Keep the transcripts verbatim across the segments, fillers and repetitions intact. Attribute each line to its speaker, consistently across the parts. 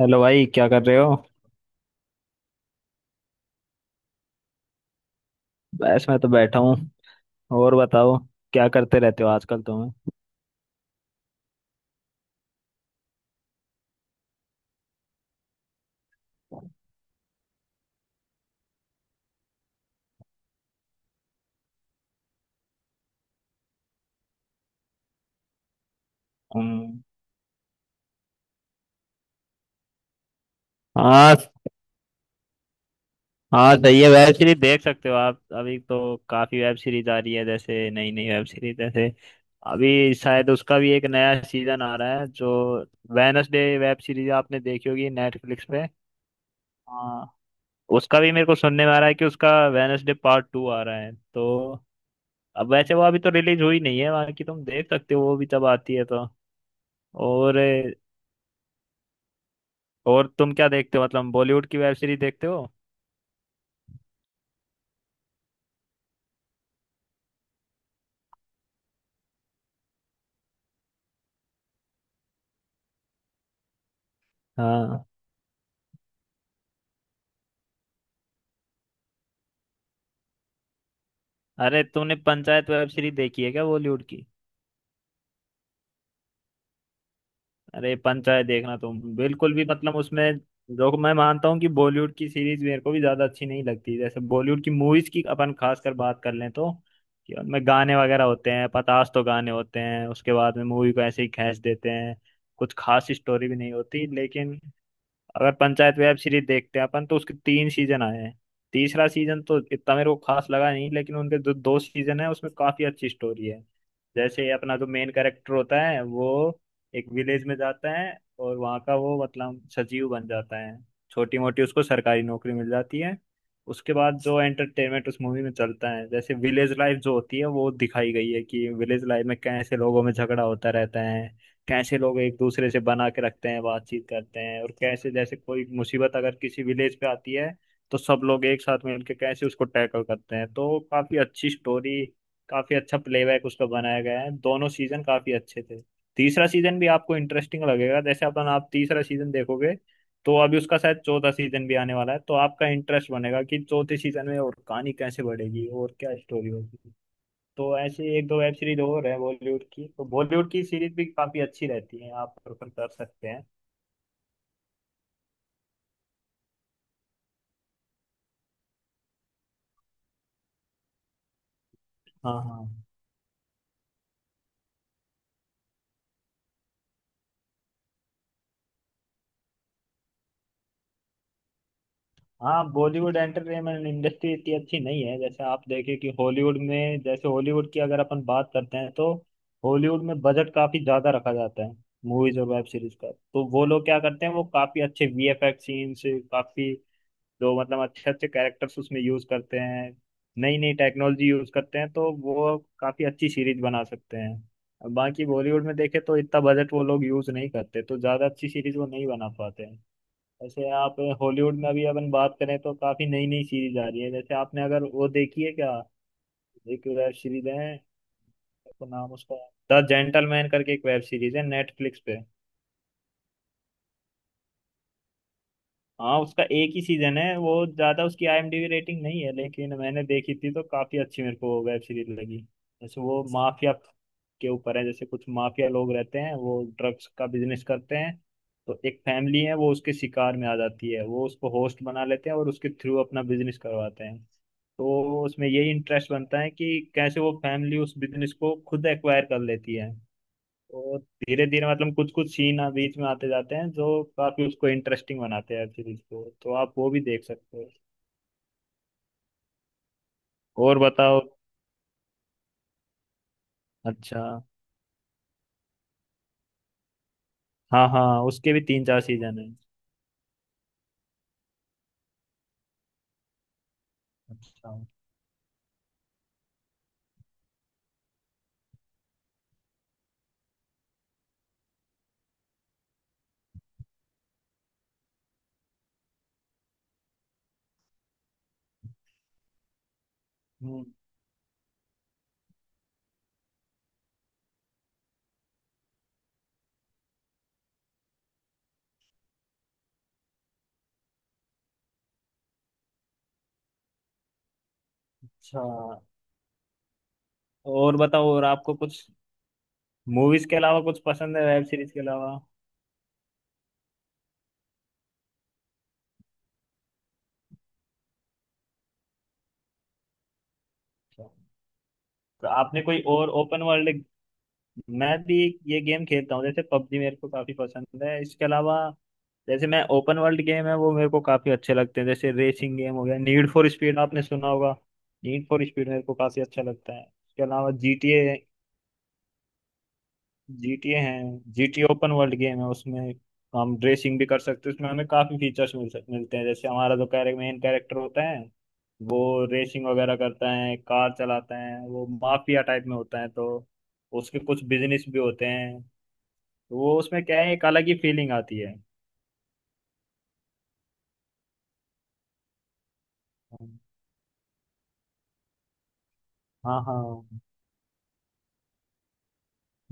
Speaker 1: Hello भाई, क्या कर रहे हो। बस मैं तो बैठा हूँ। और बताओ, क्या करते रहते हो आजकल तुम्हें। हम्म। हाँ हाँ, सही है, वेब सीरीज देख सकते हो आप। अभी तो काफी वेब सीरीज आ रही है, जैसे नई नई वेब सीरीज। जैसे अभी शायद उसका भी एक नया सीजन आ रहा है, जो वेनसडे वेब सीरीज आपने देखी होगी नेटफ्लिक्स पे। हाँ, उसका भी मेरे को सुनने में आ रहा है कि उसका वेनसडे पार्ट टू आ रहा है तो। अब वैसे वो अभी तो रिलीज हुई नहीं है, बाकी तुम देख सकते हो वो भी जब आती है तो। और और तुम क्या देखते हो, मतलब बॉलीवुड की वेब सीरीज देखते हो। हाँ। अरे, तुमने पंचायत वेब सीरीज देखी है क्या, बॉलीवुड की। अरे, पंचायत देखना तुम बिल्कुल भी, मतलब उसमें, जो मैं मानता हूँ कि बॉलीवुड की सीरीज मेरे को भी ज्यादा अच्छी नहीं लगती, जैसे बॉलीवुड की मूवीज की अपन खास कर बात कर लें तो कि उनमें गाने वगैरह होते हैं, पतास तो गाने होते हैं, उसके बाद में मूवी को ऐसे ही खींच देते हैं, कुछ खास स्टोरी भी नहीं होती। लेकिन अगर पंचायत वेब सीरीज देखते हैं अपन, तो उसके तीन सीजन आए हैं। तीसरा सीजन तो इतना मेरे को खास लगा नहीं, लेकिन उनके जो दो सीजन है उसमें काफी अच्छी स्टोरी है। जैसे अपना जो मेन कैरेक्टर होता है, वो एक विलेज में जाता है और वहाँ का वो, मतलब, सचिव बन जाता है, छोटी मोटी उसको सरकारी नौकरी मिल जाती है। उसके बाद जो एंटरटेनमेंट उस मूवी में चलता है, जैसे विलेज लाइफ जो होती है वो दिखाई गई है, कि विलेज लाइफ में कैसे लोगों में झगड़ा होता रहता है, कैसे लोग एक दूसरे से बना के रखते हैं, बातचीत करते हैं, और कैसे जैसे कोई मुसीबत अगर किसी विलेज पे आती है तो सब लोग एक साथ मिलकर कैसे उसको टैकल करते हैं। तो काफी अच्छी स्टोरी, काफी अच्छा प्लेबैक उसका बनाया गया है, दोनों सीजन काफी अच्छे थे। तीसरा सीजन भी आपको इंटरेस्टिंग लगेगा, जैसे अपन आप तीसरा सीजन देखोगे तो। अभी उसका शायद चौथा सीजन भी आने वाला है, तो आपका इंटरेस्ट बनेगा कि चौथे सीजन में और कहानी कैसे बढ़ेगी और क्या स्टोरी होगी। तो ऐसे एक दो वेब सीरीज और है बॉलीवुड की, तो बॉलीवुड की सीरीज भी काफी अच्छी रहती है, आप प्रेफर कर सकते हैं। हाँ हाँ हाँ। बॉलीवुड एंटरटेनमेंट इंडस्ट्री इतनी अच्छी नहीं है, जैसे आप देखें कि हॉलीवुड में, जैसे हॉलीवुड की अगर अपन बात करते हैं तो हॉलीवुड में बजट काफी ज्यादा रखा जाता है मूवीज और वेब सीरीज का। तो वो लोग क्या करते हैं, वो काफी अच्छे वी एफ एक्स सीन्स, काफी, जो मतलब अच्छे अच्छे कैरेक्टर्स उसमें यूज करते हैं, नई नई टेक्नोलॉजी यूज करते हैं, तो वो काफी अच्छी सीरीज बना सकते हैं। बाकी बॉलीवुड में देखे तो इतना बजट वो लोग यूज नहीं करते, तो ज्यादा अच्छी सीरीज वो नहीं बना पाते हैं। ऐसे आप हॉलीवुड में अभी अपन बात करें तो काफी नई नई सीरीज आ रही है। जैसे आपने अगर वो देखी है क्या, एक वेब सीरीज है, तो नाम उसका द जेंटलमैन करके एक वेब सीरीज है नेटफ्लिक्स पे। हाँ, उसका एक ही सीजन है, वो ज्यादा उसकी I am D B rating नहीं है, लेकिन मैंने देखी थी तो काफी अच्छी मेरे को वेब सीरीज लगी। जैसे वो माफिया के ऊपर है, जैसे कुछ माफिया लोग रहते हैं, वो ड्रग्स का बिजनेस करते हैं, तो एक फैमिली है वो उसके शिकार में आ जाती है, वो उसको होस्ट बना लेते हैं और उसके थ्रू अपना बिजनेस करवाते हैं। तो उसमें यही इंटरेस्ट बनता है कि कैसे वो फैमिली उस बिजनेस को खुद एक्वायर कर लेती है। तो धीरे धीरे, मतलब कुछ कुछ सीन, हाँ, बीच में आते जाते हैं जो काफी उसको इंटरेस्टिंग बनाते हैं सीरीज को, तो आप वो भी देख सकते हो। और बताओ। अच्छा। हाँ हाँ, उसके भी तीन चार सीजन है। अच्छा। हम्म। अच्छा। और बताओ, और आपको कुछ मूवीज के अलावा कुछ पसंद है, वेब सीरीज के अलावा। अच्छा। तो आपने कोई और ओपन वर्ल्ड, मैं भी ये गेम खेलता हूँ, जैसे पबजी मेरे को काफी पसंद है। इसके अलावा, जैसे मैं, ओपन वर्ल्ड गेम है वो मेरे को काफी अच्छे लगते हैं, जैसे रेसिंग गेम हो गया, नीड फॉर स्पीड आपने सुना होगा। नीड फॉर स्पीड मेरे को काफी अच्छा लगता है। इसके अलावा G T A, G T A है। G T A open world game है, उसमें हम रेसिंग भी कर सकते हैं, उसमें हमें काफी फीचर्स मिल सक मिलते हैं। जैसे हमारा जो कैरेक्टर, मेन कैरेक्टर होता है, वो रेसिंग वगैरह करता है, कार चलाता है, वो माफिया टाइप में होता है, तो उसके कुछ बिजनेस भी होते हैं, तो वो उसमें क्या है, एक अलग ही फीलिंग आती है। हाँ हाँ,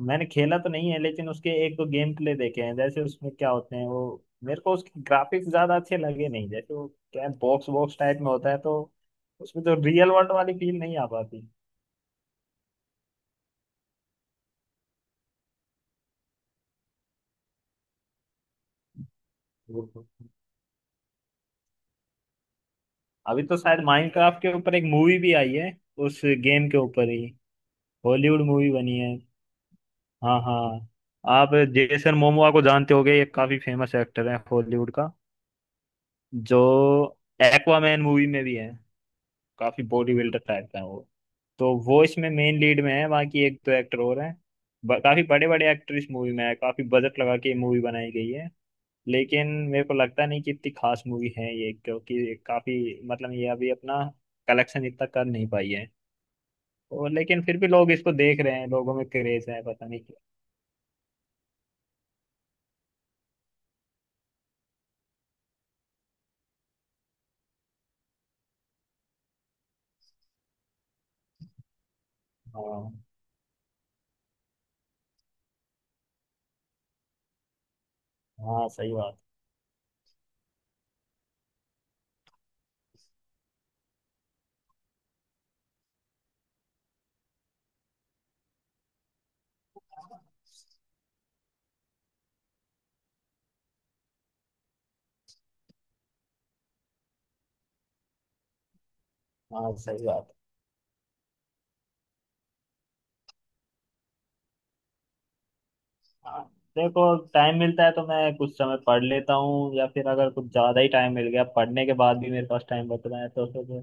Speaker 1: मैंने खेला तो नहीं है लेकिन उसके एक दो गेम प्ले देखे हैं। जैसे उसमें क्या होते हैं वो, मेरे को उसके ग्राफिक्स ज्यादा अच्छे लगे नहीं, जैसे वो क्या, बॉक्स बॉक्स टाइप में होता है, तो उसमें तो रियल वर्ल्ड वाली फील नहीं आ पाती। बिल्कुल। अभी तो शायद माइनक्राफ्ट के ऊपर एक मूवी भी आई है, उस गेम के ऊपर ही हॉलीवुड मूवी बनी है। हाँ हाँ। आप जेसन मोमोआ को जानते होगे, ये काफी फेमस एक्टर है हॉलीवुड का, जो एक्वामैन मूवी में भी है, काफी बॉडी बिल्डर टाइप का है वो। तो वो इसमें मेन लीड में है, बाकी एक दो एक्टर और हैं। ब- काफी बड़े बड़े एक्टर इस मूवी में है, काफी बजट लगा के मूवी बनाई गई है। लेकिन मेरे को लगता नहीं कि इतनी खास मूवी है ये, क्योंकि काफी, मतलब ये अभी अपना कलेक्शन इतना कर नहीं पाई है। और लेकिन फिर भी लोग इसको देख रहे हैं, लोगों में क्रेज है, पता नहीं क्या। हाँ। हाँ सही बात। हाँ सही बात। हाँ, देखो, टाइम मिलता है तो मैं कुछ समय पढ़ लेता हूँ, या फिर अगर कुछ ज्यादा ही टाइम मिल गया पढ़ने के बाद भी मेरे पास टाइम बच रहा है तो फिर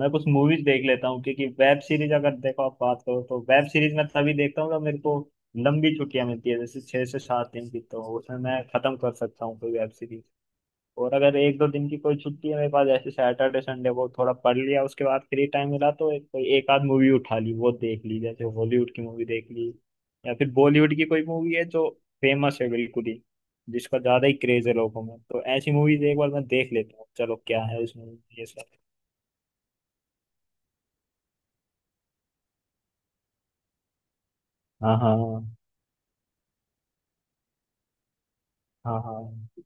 Speaker 1: मैं कुछ मूवीज देख लेता हूँ, क्योंकि वेब सीरीज अगर देखो, आप बात करो तो, वेब सीरीज मैं तभी देखता हूँ जब मेरे को लंबी छुट्टियां मिलती है, जैसे छह से सात दिन की, तो उसमें मैं खत्म कर सकता हूँ कोई वेब सीरीज। और अगर एक दो दिन की कोई छुट्टी है मेरे पास, जैसे सैटरडे संडे, वो थोड़ा पढ़ लिया, उसके बाद फ्री टाइम मिला, तो एक, कोई एक आध मूवी उठा ली, वो देख ली, जैसे हॉलीवुड की मूवी देख ली या फिर बॉलीवुड की कोई मूवी है जो फेमस है बिल्कुल ही, जिसका ज्यादा ही क्रेज है लोगों में, तो ऐसी मूवीज एक बार मैं देख लेता हूँ, चलो क्या है उस मूवी में ये सब। हाँ हाँ हाँ हाँ।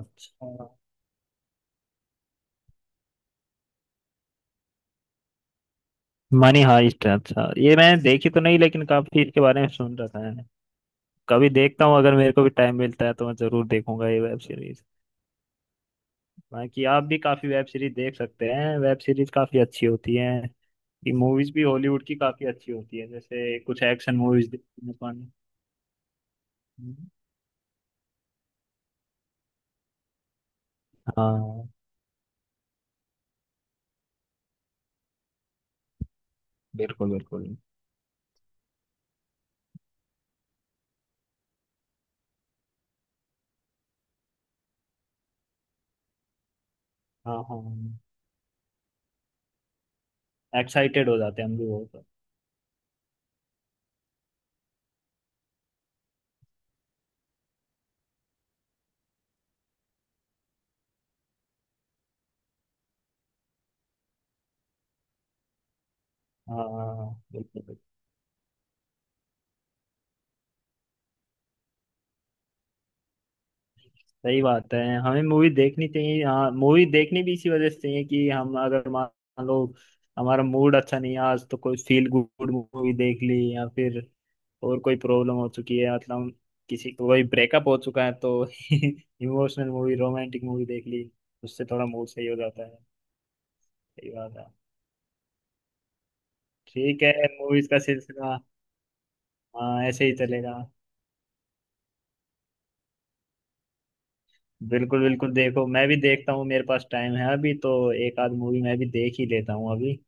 Speaker 1: अच्छा, मनी हाइस्ट, अच्छा, ये मैंने देखी तो नहीं लेकिन काफी इसके बारे में सुन रखा है। कभी देखता हूँ, अगर मेरे को भी टाइम मिलता है तो मैं जरूर देखूंगा ये वेब सीरीज। बाकी आप भी काफी वेब सीरीज देख सकते हैं, वेब सीरीज काफी अच्छी होती हैं, कि मूवीज भी हॉलीवुड की काफी अच्छी होती है, जैसे कुछ एक्शन मूवीज देखने को आने- हाँ बिल्कुल बिल्कुल। हाँ हाँ, एक्साइटेड हो जाते हैं हम भी बहुत। हाँ बिल्कुल। सही बात है, हमें मूवी देखनी चाहिए, हाँ मूवी देखनी भी इसी वजह से चाहिए कि हम अगर मान लो हमारा मूड अच्छा नहीं है आज, तो कोई फील गुड मूवी देख ली, या फिर और कोई प्रॉब्लम हो चुकी है, मतलब किसी को कोई ब्रेकअप हो चुका है तो इमोशनल मूवी, रोमांटिक मूवी देख ली, उससे थोड़ा मूड सही हो जाता है। सही बात है। ठीक है। मूवीज का सिलसिला। हाँ, ऐसे ही चलेगा। बिल्कुल बिल्कुल, देखो मैं भी देखता हूँ, मेरे पास टाइम है अभी, तो एक आध मूवी मैं भी देख ही लेता हूँ अभी।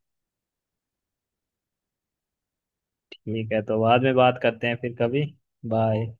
Speaker 1: ठीक है, तो बाद में बात करते हैं फिर कभी। बाय।